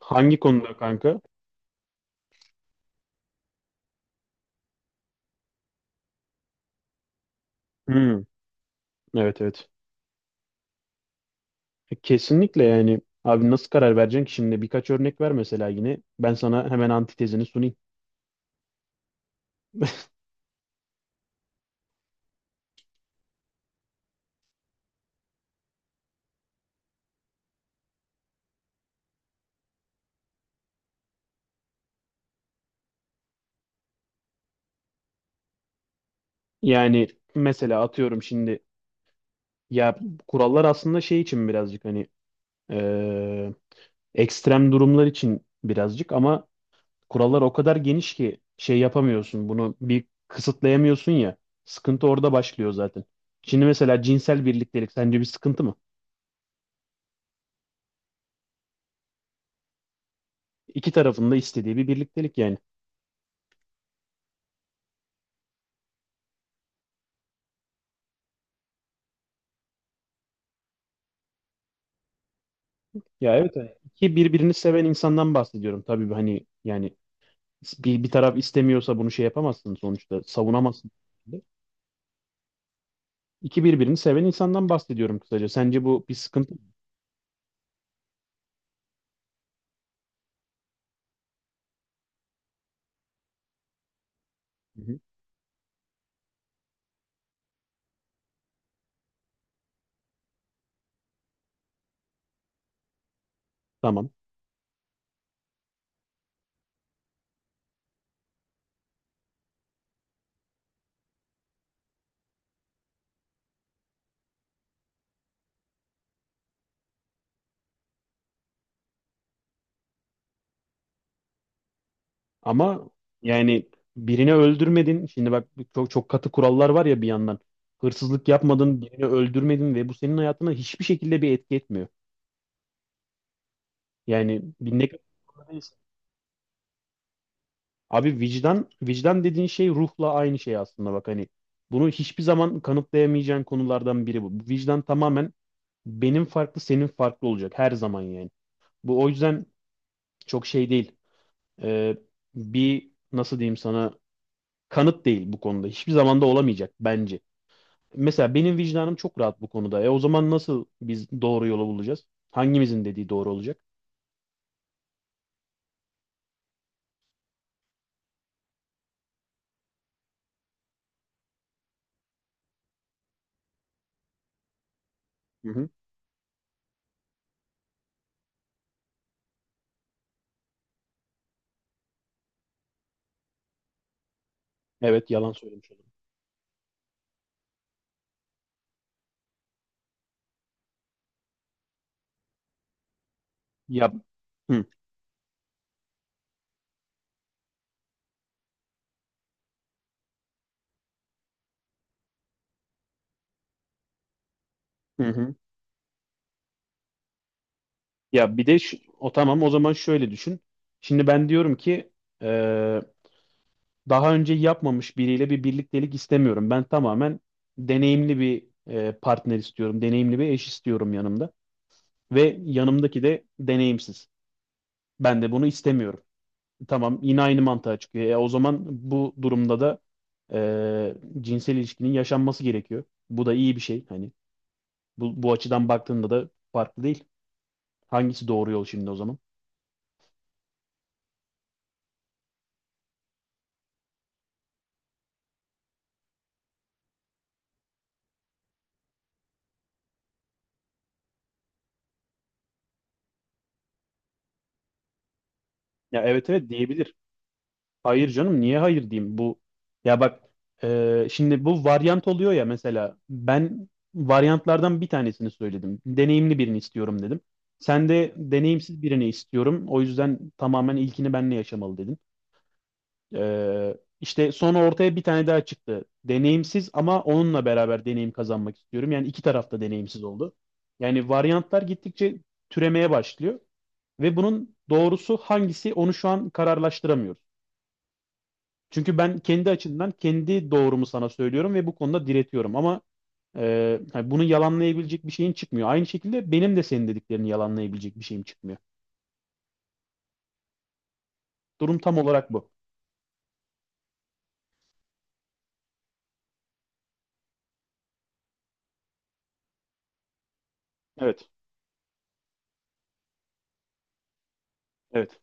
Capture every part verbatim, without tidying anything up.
Hangi konuda kanka? Hmm, evet evet. Kesinlikle yani abi nasıl karar vereceksin ki şimdi birkaç örnek ver mesela yine ben sana hemen antitezini sunayım. Yani mesela atıyorum şimdi ya kurallar aslında şey için birazcık hani eee, ekstrem durumlar için birazcık ama kurallar o kadar geniş ki şey yapamıyorsun bunu bir kısıtlayamıyorsun ya sıkıntı orada başlıyor zaten. Şimdi mesela cinsel birliktelik sence bir sıkıntı mı? İki tarafın da istediği bir birliktelik yani. Ya evet hani iki birbirini seven insandan bahsediyorum. Tabii hani yani bir, bir taraf istemiyorsa bunu şey yapamazsın sonuçta savunamazsın. İki birbirini seven insandan bahsediyorum kısaca. Sence bu bir sıkıntı mı? Hı hı. Tamam. Ama yani birini öldürmedin. Şimdi bak çok çok katı kurallar var ya bir yandan. Hırsızlık yapmadın, birini öldürmedin ve bu senin hayatına hiçbir şekilde bir etki etmiyor. Yani bir ne kadar. Abi vicdan vicdan dediğin şey ruhla aynı şey aslında bak hani bunu hiçbir zaman kanıtlayamayacağın konulardan biri bu. Vicdan tamamen benim farklı senin farklı olacak her zaman yani. Bu o yüzden çok şey değil. Ee, Bir nasıl diyeyim sana kanıt değil bu konuda. Hiçbir zaman da olamayacak bence. Mesela benim vicdanım çok rahat bu konuda. E o zaman nasıl biz doğru yolu bulacağız? Hangimizin dediği doğru olacak? Hı hı. Evet yalan söylemiş oldum. Ya hı hı. hı. Ya bir de şu- o tamam o zaman şöyle düşün. Şimdi ben diyorum ki eee, daha önce yapmamış biriyle bir birliktelik istemiyorum. Ben tamamen deneyimli bir eee, partner istiyorum. Deneyimli bir eş istiyorum yanımda. Ve yanımdaki de deneyimsiz. Ben de bunu istemiyorum. Tamam yine aynı mantığa çıkıyor. E, o zaman bu durumda da eee, cinsel ilişkinin yaşanması gerekiyor. Bu da iyi bir şey. Hani bu, bu açıdan baktığında da farklı değil. Hangisi doğru yol şimdi o zaman? Ya evet evet diyebilir. Hayır canım niye hayır diyeyim bu. Ya bak e, şimdi bu varyant oluyor ya mesela ben varyantlardan bir tanesini söyledim. Deneyimli birini istiyorum dedim. Sen de deneyimsiz birini istiyorum. O yüzden tamamen ilkini benle yaşamalı dedin. Ee, işte sonra ortaya bir tane daha çıktı. Deneyimsiz ama onunla beraber deneyim kazanmak istiyorum. Yani iki tarafta deneyimsiz oldu. Yani varyantlar gittikçe türemeye başlıyor ve bunun doğrusu hangisi onu şu an kararlaştıramıyoruz. Çünkü ben kendi açımdan kendi doğrumu sana söylüyorum ve bu konuda diretiyorum ama e, hani bunu yalanlayabilecek bir şeyin çıkmıyor. Aynı şekilde benim de senin dediklerini yalanlayabilecek bir şeyim çıkmıyor. Durum tam olarak bu. Evet, evet.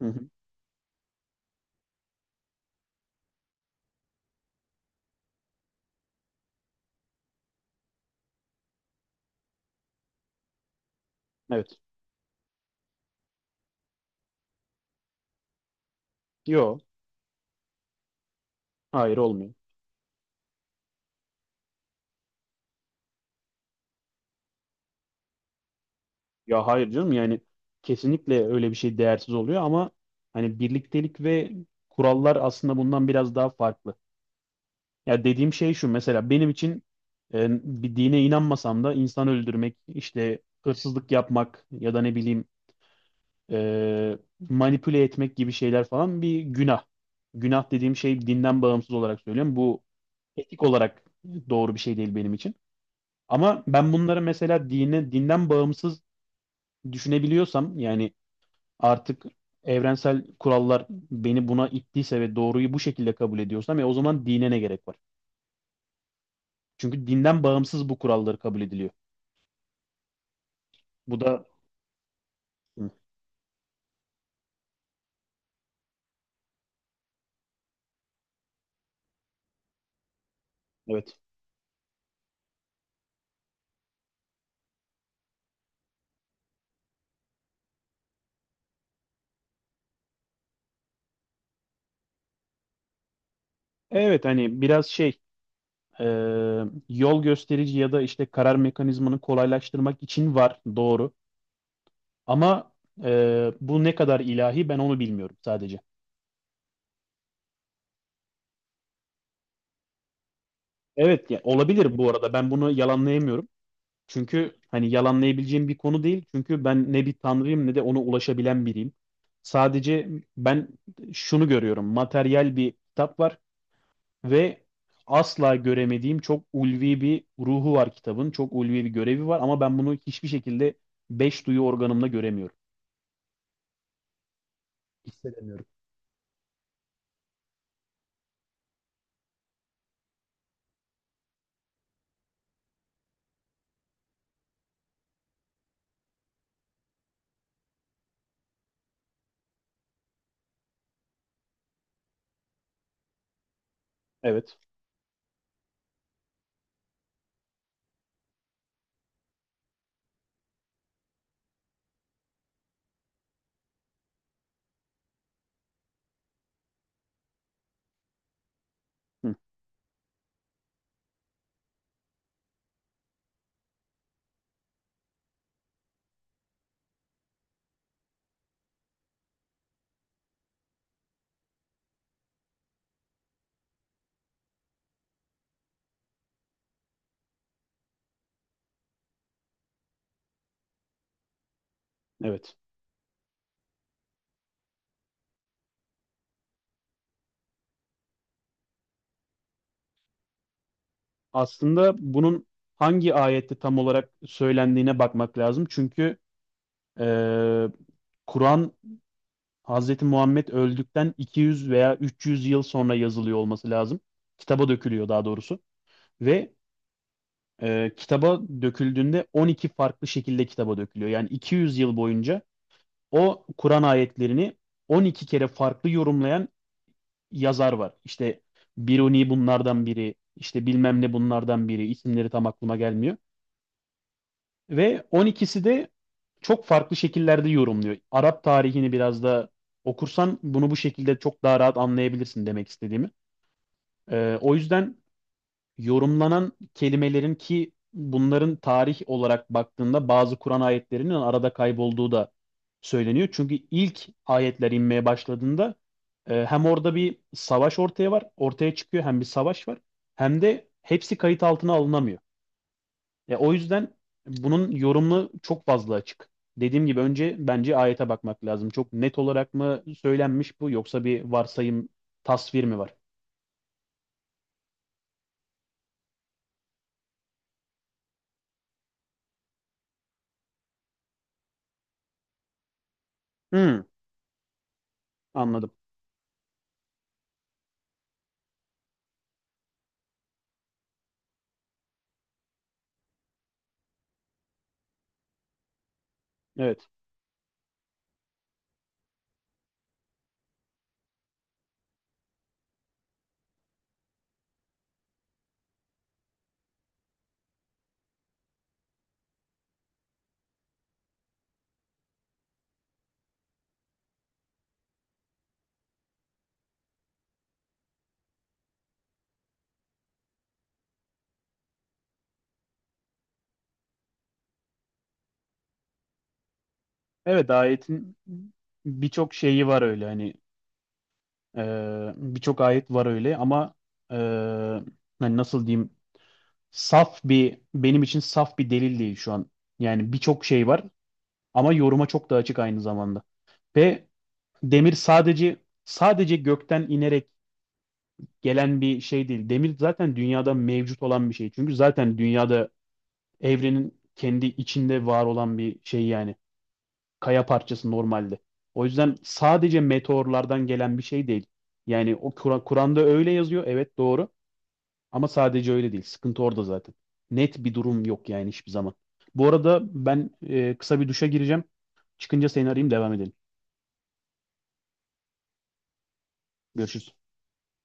Hı hı, evet. Yok, hayır olmuyor. Ya hayır canım yani kesinlikle öyle bir şey değersiz oluyor ama hani birliktelik ve kurallar aslında bundan biraz daha farklı. Ya dediğim şey şu mesela benim için e, bir dine inanmasam da insan öldürmek, işte hırsızlık yapmak ya da ne bileyim e, manipüle etmek gibi şeyler falan bir günah. Günah dediğim şey dinden bağımsız olarak söylüyorum. Bu etik olarak doğru bir şey değil benim için. Ama ben bunları mesela dine, dinden bağımsız düşünebiliyorsam yani artık evrensel kurallar beni buna ittiyse ve doğruyu bu şekilde kabul ediyorsam ya o zaman dine ne gerek var? Çünkü dinden bağımsız bu kuralları kabul ediliyor. Bu da Hı, evet. Evet hani biraz şey e, yol gösterici ya da işte karar mekanizmanı kolaylaştırmak için var doğru. Ama e, bu ne kadar ilahi ben onu bilmiyorum sadece. Evet ya olabilir bu arada ben bunu yalanlayamıyorum. Çünkü hani yalanlayabileceğim bir konu değil. Çünkü ben ne bir tanrıyım ne de ona ulaşabilen biriyim. Sadece ben şunu görüyorum. Materyal bir kitap var ve asla göremediğim çok ulvi bir ruhu var kitabın. Çok ulvi bir görevi var ama ben bunu hiçbir şekilde beş duyu organımla göremiyorum. Hissedemiyorum. Evet. Hı, evet. Aslında bunun hangi ayette tam olarak söylendiğine bakmak lazım. Çünkü e, Kur'an Hazreti Muhammed öldükten iki yüz veya üç yüz yıl sonra yazılıyor olması lazım. Kitaba dökülüyor daha doğrusu. Ve e, kitaba döküldüğünde on iki farklı şekilde kitaba dökülüyor. Yani iki yüz yıl boyunca o Kur'an ayetlerini on iki kere farklı yorumlayan yazar var. İşte Biruni bunlardan biri, işte bilmem ne bunlardan biri, isimleri tam aklıma gelmiyor. Ve on ikisi de çok farklı şekillerde yorumluyor. Arap tarihini biraz da okursan bunu bu şekilde çok daha rahat anlayabilirsin demek istediğimi. Ee, o yüzden yorumlanan kelimelerin ki bunların tarih olarak baktığında bazı Kur'an ayetlerinin arada kaybolduğu da söyleniyor. Çünkü ilk ayetler inmeye başladığında e, hem orada bir savaş ortaya var, ortaya çıkıyor hem bir savaş var hem de hepsi kayıt altına alınamıyor. Ya o yüzden bunun yorumlu çok fazla açık. Dediğim gibi önce bence ayete bakmak lazım. Çok net olarak mı söylenmiş bu yoksa bir varsayım, tasvir mi var? Hmm, anladım. Evet. Evet ayetin birçok şeyi var öyle hani e, birçok ayet var öyle ama e, hani nasıl diyeyim saf bir benim için saf bir delil değil şu an. Yani birçok şey var ama yoruma çok da açık aynı zamanda. Ve demir sadece sadece gökten inerek gelen bir şey değil. Demir zaten dünyada mevcut olan bir şey. Çünkü zaten dünyada evrenin kendi içinde var olan bir şey yani. Kaya parçası normalde. O yüzden sadece meteorlardan gelen bir şey değil. Yani o Kur'an- Kur'an'da öyle yazıyor. Evet doğru. Ama sadece öyle değil. Sıkıntı orada zaten. Net bir durum yok yani hiçbir zaman. Bu arada ben e, kısa bir duşa gireceğim. Çıkınca seni arayayım devam edelim. Görüşürüz.